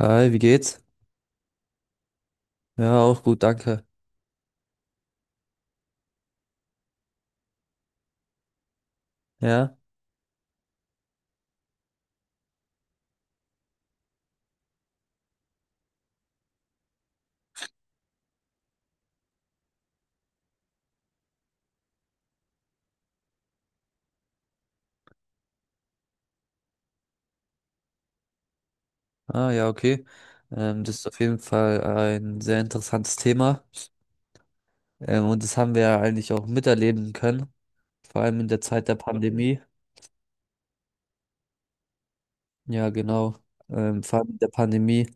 Hi, wie geht's? Ja, auch gut, danke. Ja, ah, ja, okay. Das ist auf jeden Fall ein sehr interessantes Thema. Und das haben wir ja eigentlich auch miterleben können, vor allem in der Zeit der Pandemie. Ja, genau. Vor allem in der Pandemie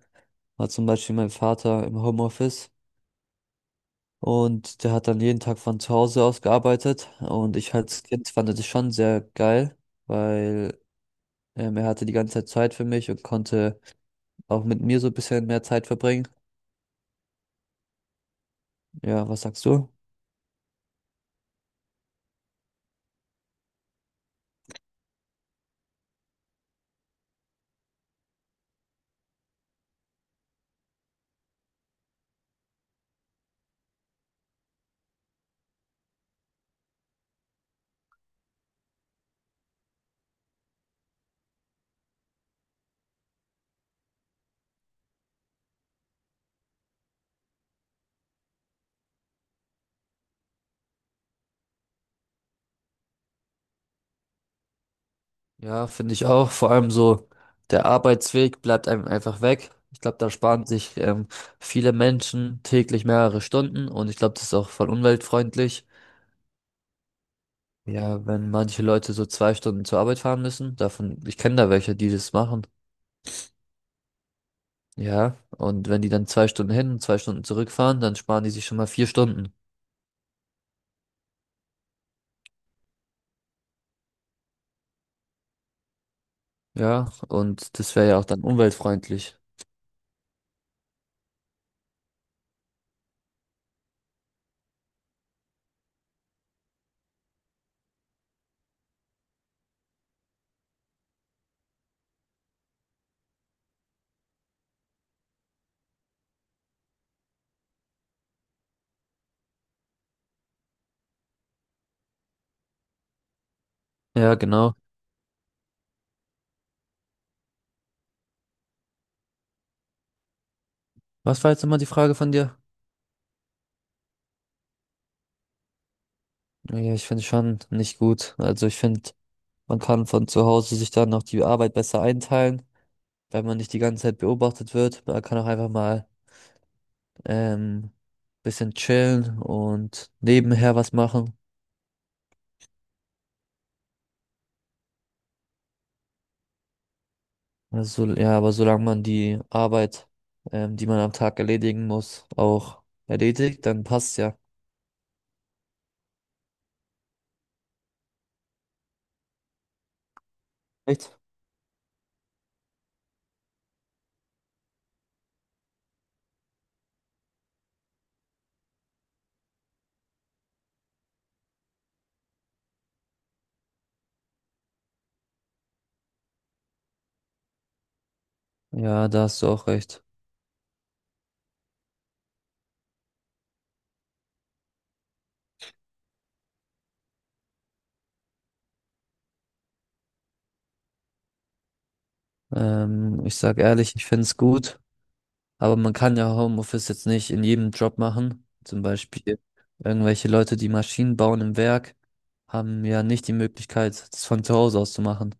war zum Beispiel mein Vater im Homeoffice und der hat dann jeden Tag von zu Hause aus gearbeitet. Und ich als Kind fand das schon sehr geil, weil er hatte die ganze Zeit Zeit für mich und konnte auch mit mir so ein bisschen mehr Zeit verbringen. Ja, was sagst du? Ja, finde ich auch. Vor allem so, der Arbeitsweg bleibt einem einfach weg. Ich glaube, da sparen sich viele Menschen täglich mehrere Stunden und ich glaube, das ist auch voll umweltfreundlich. Ja, wenn manche Leute so zwei Stunden zur Arbeit fahren müssen, davon, ich kenne da welche, die das machen. Ja, und wenn die dann zwei Stunden hin und zwei Stunden zurückfahren, dann sparen die sich schon mal vier Stunden. Ja, und das wäre ja auch dann umweltfreundlich. Ja, genau. Was war jetzt nochmal die Frage von dir? Ja, ich finde schon nicht gut. Also ich finde, man kann von zu Hause sich dann noch die Arbeit besser einteilen, weil man nicht die ganze Zeit beobachtet wird. Man kann auch einfach mal ähm, bisschen chillen und nebenher was machen. Also, ja, aber solange man die Arbeit, die man am Tag erledigen muss, auch erledigt, dann passt ja. Echt? Ja, da hast du auch recht. Ich sag ehrlich, ich find's gut. Aber man kann ja Homeoffice jetzt nicht in jedem Job machen. Zum Beispiel irgendwelche Leute, die Maschinen bauen im Werk, haben ja nicht die Möglichkeit, das von zu Hause aus zu machen.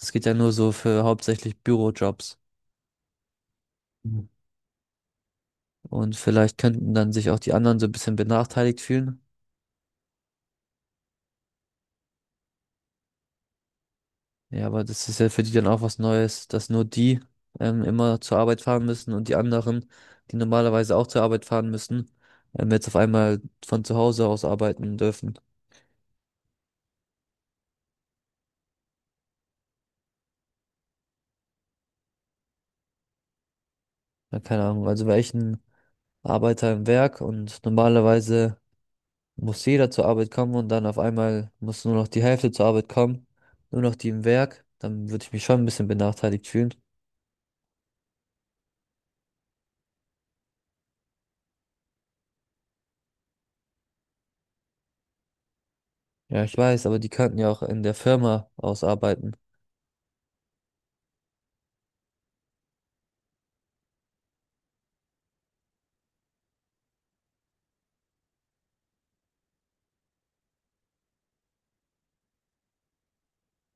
Das geht ja nur so für hauptsächlich Bürojobs. Mhm. Und vielleicht könnten dann sich auch die anderen so ein bisschen benachteiligt fühlen. Ja, aber das ist ja für die dann auch was Neues, dass nur die immer zur Arbeit fahren müssen und die anderen, die normalerweise auch zur Arbeit fahren müssen, jetzt auf einmal von zu Hause aus arbeiten dürfen. Ja, keine Ahnung. Also welchen Arbeiter im Werk und normalerweise muss jeder zur Arbeit kommen und dann auf einmal muss nur noch die Hälfte zur Arbeit kommen, nur noch die im Werk, dann würde ich mich schon ein bisschen benachteiligt fühlen. Ja, ich weiß, aber die könnten ja auch in der Firma ausarbeiten.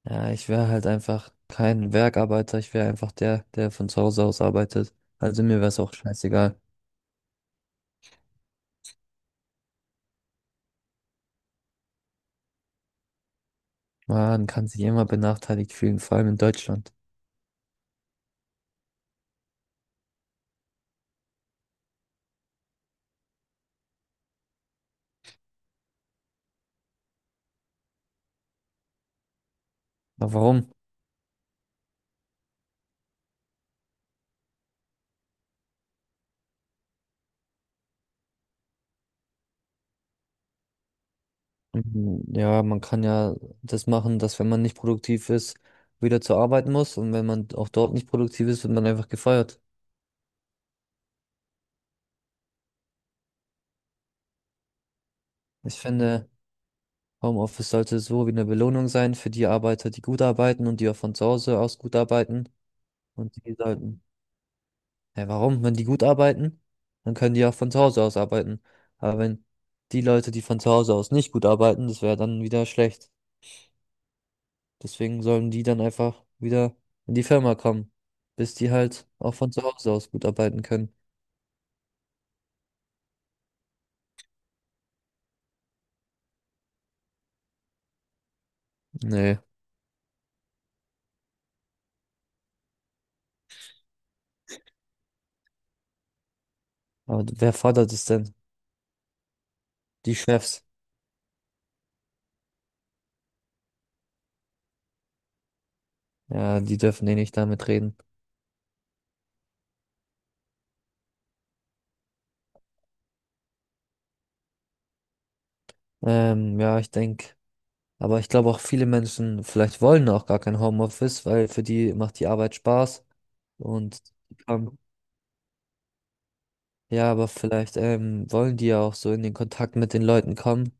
Ja, ich wäre halt einfach kein Werkarbeiter, ich wäre einfach der, der von zu Hause aus arbeitet. Also mir wäre es auch scheißegal. Man kann sich immer benachteiligt fühlen, vor allem in Deutschland. Aber warum? Mhm, ja, man kann ja das machen, dass wenn man nicht produktiv ist, wieder zur Arbeit muss und wenn man auch dort nicht produktiv ist, wird man einfach gefeuert. Ich finde, Homeoffice sollte so wie eine Belohnung sein für die Arbeiter, die gut arbeiten und die auch von zu Hause aus gut arbeiten. Und die sollten, ja, warum? Wenn die gut arbeiten, dann können die auch von zu Hause aus arbeiten. Aber wenn die Leute, die von zu Hause aus nicht gut arbeiten, das wäre dann wieder schlecht. Deswegen sollen die dann einfach wieder in die Firma kommen, bis die halt auch von zu Hause aus gut arbeiten können. Nee, aber wer fordert es denn? Die Chefs. Ja, die dürfen eh nicht damit reden. Ja, ich denke, aber ich glaube auch viele Menschen vielleicht wollen auch gar kein Homeoffice, weil für die macht die Arbeit Spaß und die ja, aber vielleicht wollen die ja auch so in den Kontakt mit den Leuten kommen,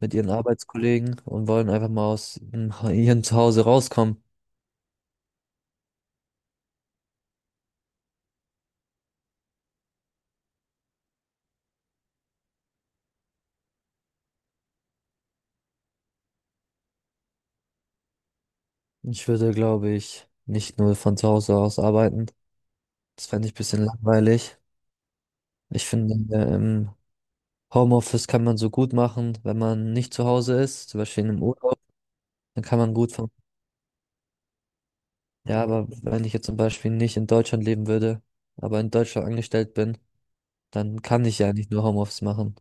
mit ihren Arbeitskollegen und wollen einfach mal aus ihrem Zuhause rauskommen. Ich würde, glaube ich, nicht nur von zu Hause aus arbeiten. Das fände ich ein bisschen langweilig. Ich finde, im Homeoffice kann man so gut machen, wenn man nicht zu Hause ist, zum Beispiel in einem Urlaub, dann kann man gut von. Ja, aber wenn ich jetzt zum Beispiel nicht in Deutschland leben würde, aber in Deutschland angestellt bin, dann kann ich ja nicht nur Homeoffice machen.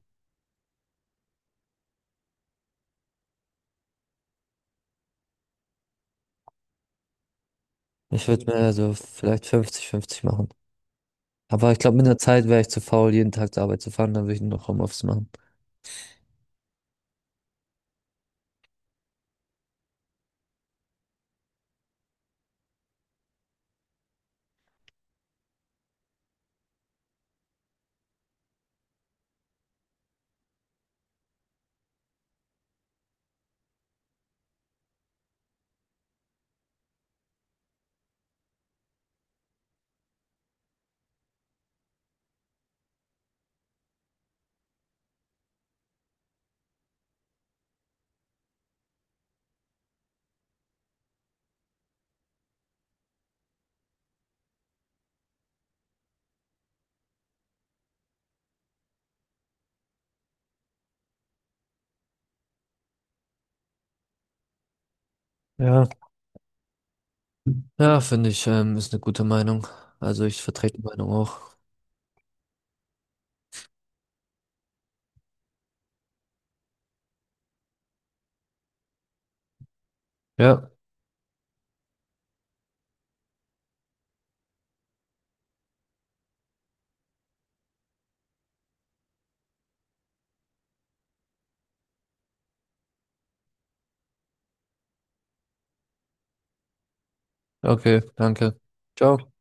Ich würde mir also vielleicht 50-50 machen. Aber ich glaube, mit der Zeit wäre ich zu faul, jeden Tag zur Arbeit zu fahren, dann würde ich nur noch Homeoffice machen. Ja. Ja, finde ich, ist eine gute Meinung. Also ich vertrete die Meinung auch. Ja, okay, danke. Ciao.